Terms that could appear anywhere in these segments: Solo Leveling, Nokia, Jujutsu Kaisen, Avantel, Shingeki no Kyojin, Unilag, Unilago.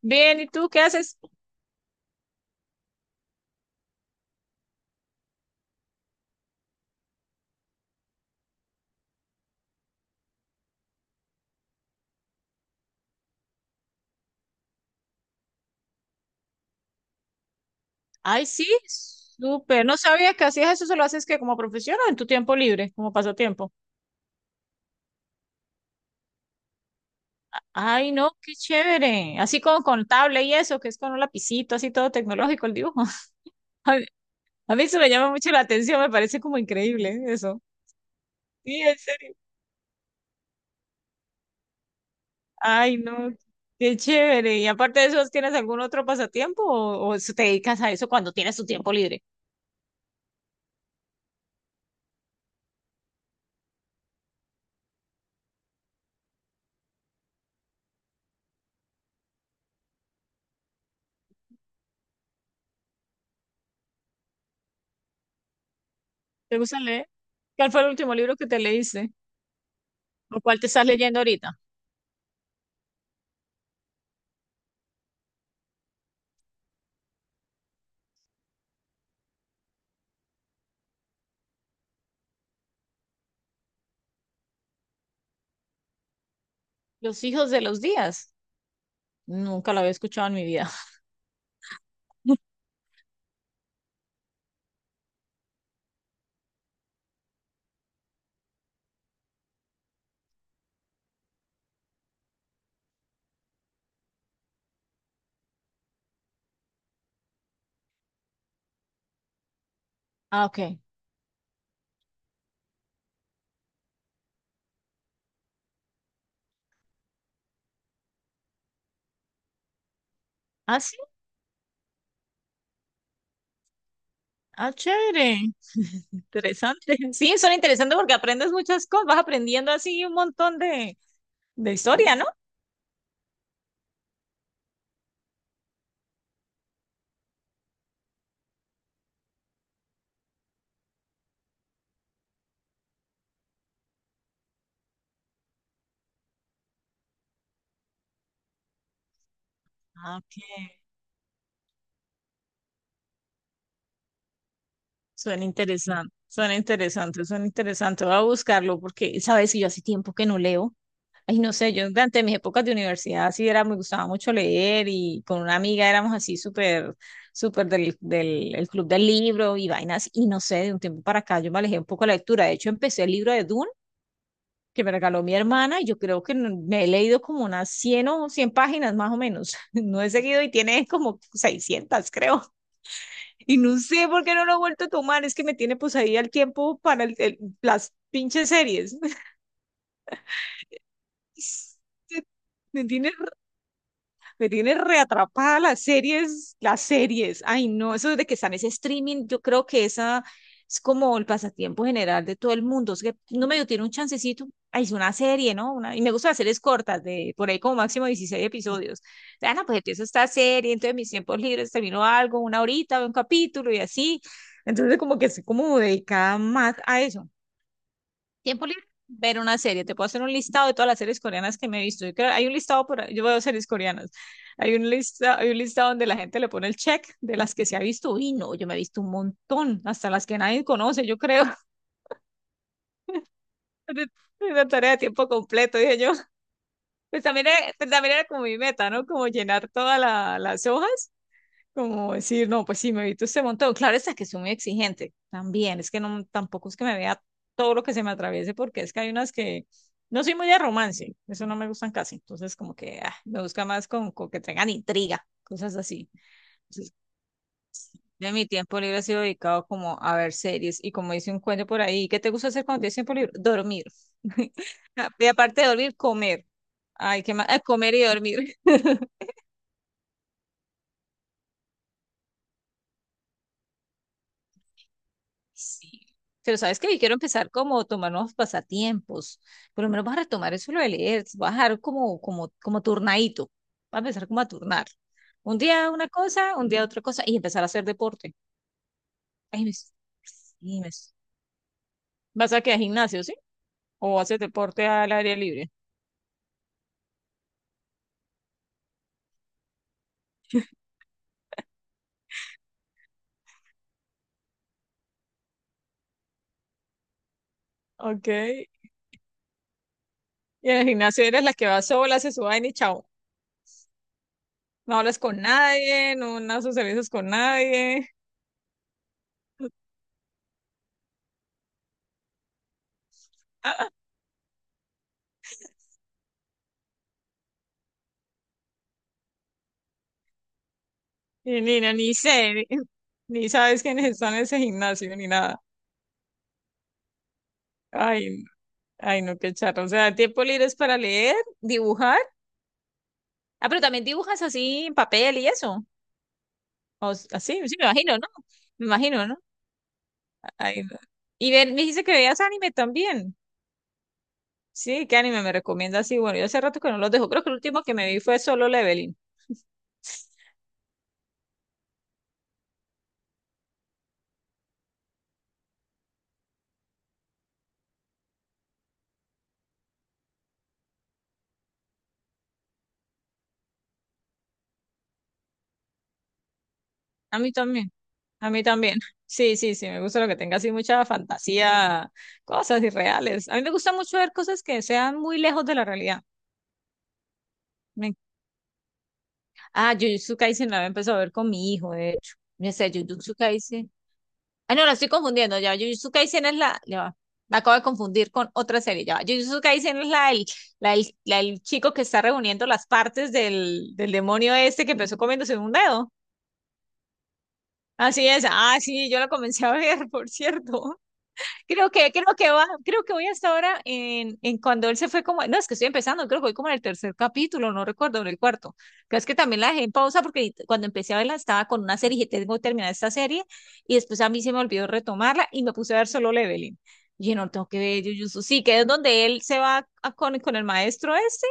Bien, ¿y tú qué haces? Ay, sí, súper. No sabía que hacías eso, ¿se lo haces que como profesión o en tu tiempo libre, como pasatiempo? Ay, no, qué chévere. Así con tablet y eso, que es con un lapicito, así todo tecnológico el dibujo. A mí, a mí eso me llama mucho la atención, me parece como increíble, ¿eh? Eso. Sí, en serio. Ay, no, qué chévere. Y aparte de eso, ¿tienes algún otro pasatiempo o se te dedicas a eso cuando tienes tu tiempo libre? ¿Te gusta leer? ¿Cuál fue el último libro que te leíste? ¿O cuál te estás leyendo ahorita? Los hijos de los días. Nunca la había escuchado en mi vida. Ah, ok. Ah, sí. Ah, chévere. Interesante. Sí, son interesantes porque aprendes muchas cosas. Vas aprendiendo así un montón de historia, ¿no? Ah, ok. Suena interesante. Suena interesante, suena interesante. Voy a buscarlo porque, sabes, que yo hace tiempo que no leo. Ay, no sé, yo durante mis épocas de universidad sí era, me gustaba mucho leer y con una amiga éramos así súper, súper del, del el club del libro y vainas. Y no sé, de un tiempo para acá yo me alejé un poco de la lectura. De hecho, empecé el libro de Duna que me regaló mi hermana y yo creo que me he leído como unas 100 o 100 páginas más o menos. No he seguido y tiene como 600, creo. Y no sé por qué no lo he vuelto a tomar, es que me tiene pues ahí al tiempo para las pinches series. Me tiene me tiene reatrapada las series, las series. Ay, no, eso de que están ese streaming, yo creo que esa es como el pasatiempo general de todo el mundo. Es que no medio tiene un chancecito. Ay, es una serie, ¿no? Una, y me gustan las series cortas, de por ahí como máximo 16 episodios. Ah, no, pues empiezo esta serie, entonces mis tiempos libres termino algo, una horita, veo un capítulo y así. Entonces, como que estoy como dedicada más a eso, ver una serie. Te puedo hacer un listado de todas las series coreanas que me he visto. Hay un listado yo veo series coreanas. Hay un listado donde la gente le pone el check de las que se ha visto. Y no, yo me he visto un montón, hasta las que nadie conoce, yo creo. Es una tarea de tiempo completo, dije yo. Pues también era como mi meta, ¿no? Como llenar todas las hojas. Como decir, no, pues sí, me evito este montón. Claro, está que soy muy exigente también. Es que no, tampoco es que me vea todo lo que se me atraviese, porque es que hay unas que no soy muy de romance, eso no me gustan casi. Entonces, como que ah, me busca más con que tengan intriga, cosas así. Entonces, de mi tiempo libre ha sido dedicado como a ver series y, como dice un cuento por ahí, ¿qué te gusta hacer cuando tienes tiempo libre? Dormir. Y aparte de dormir, comer. Ay, qué más. Ah, comer y dormir. Sí. Pero sabes que yo quiero empezar como a tomar nuevos pasatiempos. Por lo menos vas a retomar eso lo de leer. Vas a dejar como, turnadito. Vas a empezar como a turnar. Un día una cosa, un día otra cosa. Y empezar a hacer deporte. Ay, sí, ¿vas a quedar al gimnasio, sí? ¿O haces deporte al aire libre? Ok. Y en el gimnasio eres la que va sola, se suba y chao. No hablas con nadie, no, no socializas con nadie. Y ni sé, ni sabes quiénes están en ese gimnasio, ni nada. Ay, ay, no, qué charro. O sea, tiempo libre es para leer, dibujar. Ah, pero también dibujas así en papel y eso. Así, sí, me imagino, ¿no? Me imagino, ¿no? Ay, no. Y ven, me dijiste que veías anime también. Sí, ¿qué anime me recomiendas? Sí, bueno, yo hace rato que no los dejo. Creo que el último que me vi fue Solo Leveling. A mí también, a mí también. Sí, sí, sí, me gusta lo que tenga así mucha fantasía, cosas irreales. A mí me gusta mucho ver cosas que sean muy lejos de la realidad. Me Ah, Jujutsu Kaisen la había empezado a ver con mi hijo, de hecho. No sé, Jujutsu Kaisen. Ah, no, la estoy confundiendo ya. Jujutsu Kaisen es la, ya va. Me acabo de confundir con otra serie. Ya va. Jujutsu Kaisen es la del chico que está reuniendo las partes del demonio este que empezó comiéndose un dedo. Así es. Ah, sí, yo la comencé a ver, por cierto. Creo que voy hasta ahora en, cuando él se fue como, no, es que estoy empezando, creo que voy como en el tercer capítulo, no recuerdo, en el cuarto. Creo es que también la dejé en pausa porque cuando empecé a verla estaba con una serie y dije, tengo que terminar esta serie y después a mí se me olvidó retomarla y me puse a ver Solo Leveling. Y dije, no, tengo que ver Jujutsu. Sí, que es donde él con el maestro ese,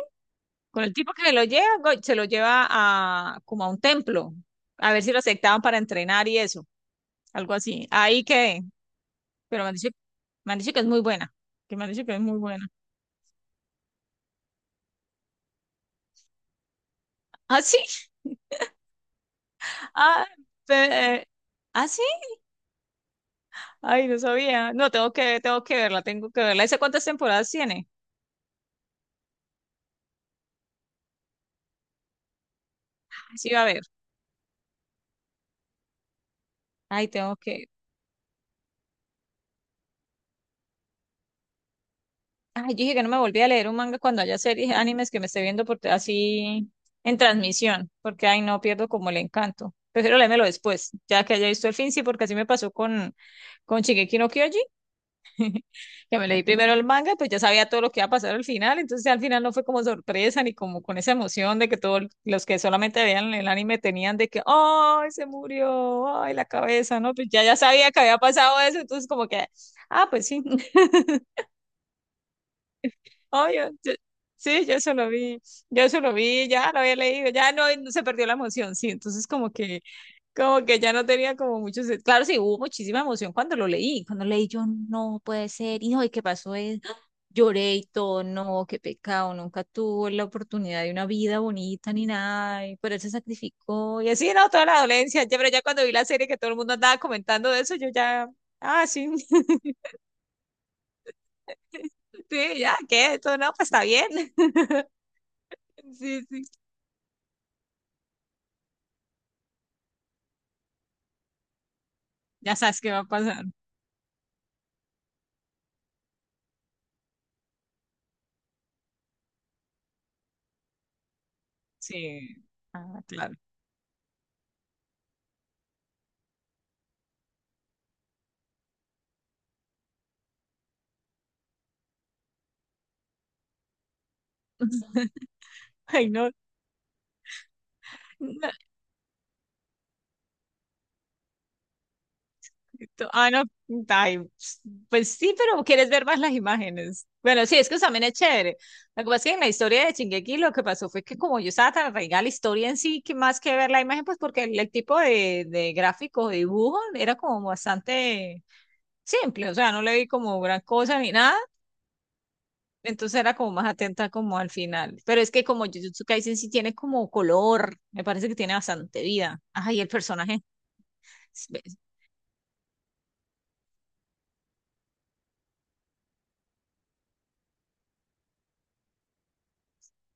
con el tipo que se lo lleva, se lo lleva a como a un templo, a ver si lo aceptaban para entrenar y eso, algo así. Ahí quedé, pero me han dicho, que es muy buena, que me han dicho que es muy buena. ¿Ah, sí? Ah, pe- eh, ¿ah, sí? Ay, no sabía. No, tengo que verla, tengo que verla. ¿Esa cuántas temporadas tiene? Ay, sí, va a ver. Ay, tengo que. Ay, yo dije que no me volví a leer un manga cuando haya series, animes que me esté viendo por, así en transmisión, porque ay, no pierdo como el encanto. Prefiero leérmelo después, ya que haya visto el fin, sí, porque así me pasó con, Shingeki no Kyojin. Que me leí primero el manga, pues ya sabía todo lo que iba a pasar al final, entonces al final no fue como sorpresa ni como con esa emoción de que todos los que solamente veían el anime tenían de que, ¡ay, se murió!, ¡ay, la cabeza!, ¿no? Pues ya, ya sabía que había pasado eso, entonces como que, ah, pues sí, ay, sí, yo eso lo vi, yo eso lo vi, ya lo había leído, ya no, no se perdió la emoción, sí, entonces como que, ya no tenía como muchos, claro, sí, hubo muchísima emoción cuando lo leí, cuando leí yo, no puede ser, hijo, ¿y qué pasó? Lloré y todo, no, qué pecado, nunca tuvo la oportunidad de una vida bonita ni nada, y por él se sacrificó, y así, no, toda la dolencia, ya, pero ya cuando vi la serie que todo el mundo andaba comentando de eso, yo ya, ah, sí, sí, ya, qué, esto, no, pues está bien, sí, sí, ya sabes qué va a pasar, sí, ah, claro, ay, no, no, ah, no, ay, pues sí, pero quieres ver más las imágenes. Bueno, sí, es que eso también es chévere. Lo que pasa es que en la historia de Shingeki lo que pasó fue que como yo estaba tan arraigada a la historia en sí, que más que ver la imagen, pues porque el tipo de gráfico, de dibujo, era como bastante simple, o sea, no le vi como gran cosa ni nada, entonces era como más atenta como al final. Pero es que como Jujutsu Kaisen sí tiene como color, me parece que tiene bastante vida. Ay, el personaje, es, es-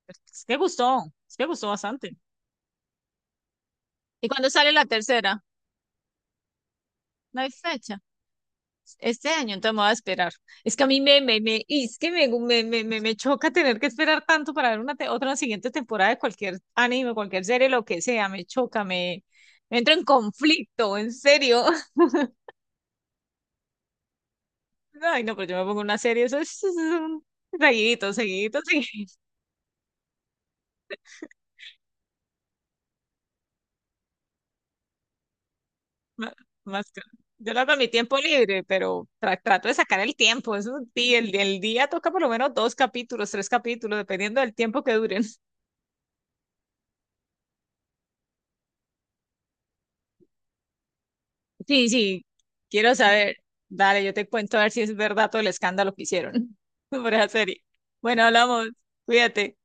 es que gustó, es que gustó bastante. ¿Y cuándo sale la tercera? No hay fecha. Este año, entonces me voy a esperar. Es que a mí y es que me choca tener que esperar tanto para ver una otra siguiente temporada de cualquier anime, cualquier serie, lo que sea. Me choca, me entro en conflicto, en serio. Ay, no, pero yo me pongo una serie, eso es un seguidito, seguidito, seguidito. Ma- Más, yo lo hago en mi tiempo libre, pero trato de sacar el tiempo. Eso, sí, el día toca por lo menos dos capítulos, tres capítulos, dependiendo del tiempo que duren. Sí, sí, quiero saber. Dale, yo te cuento a ver si es verdad todo el escándalo que hicieron por esa serie. Bueno, hablamos. Cuídate.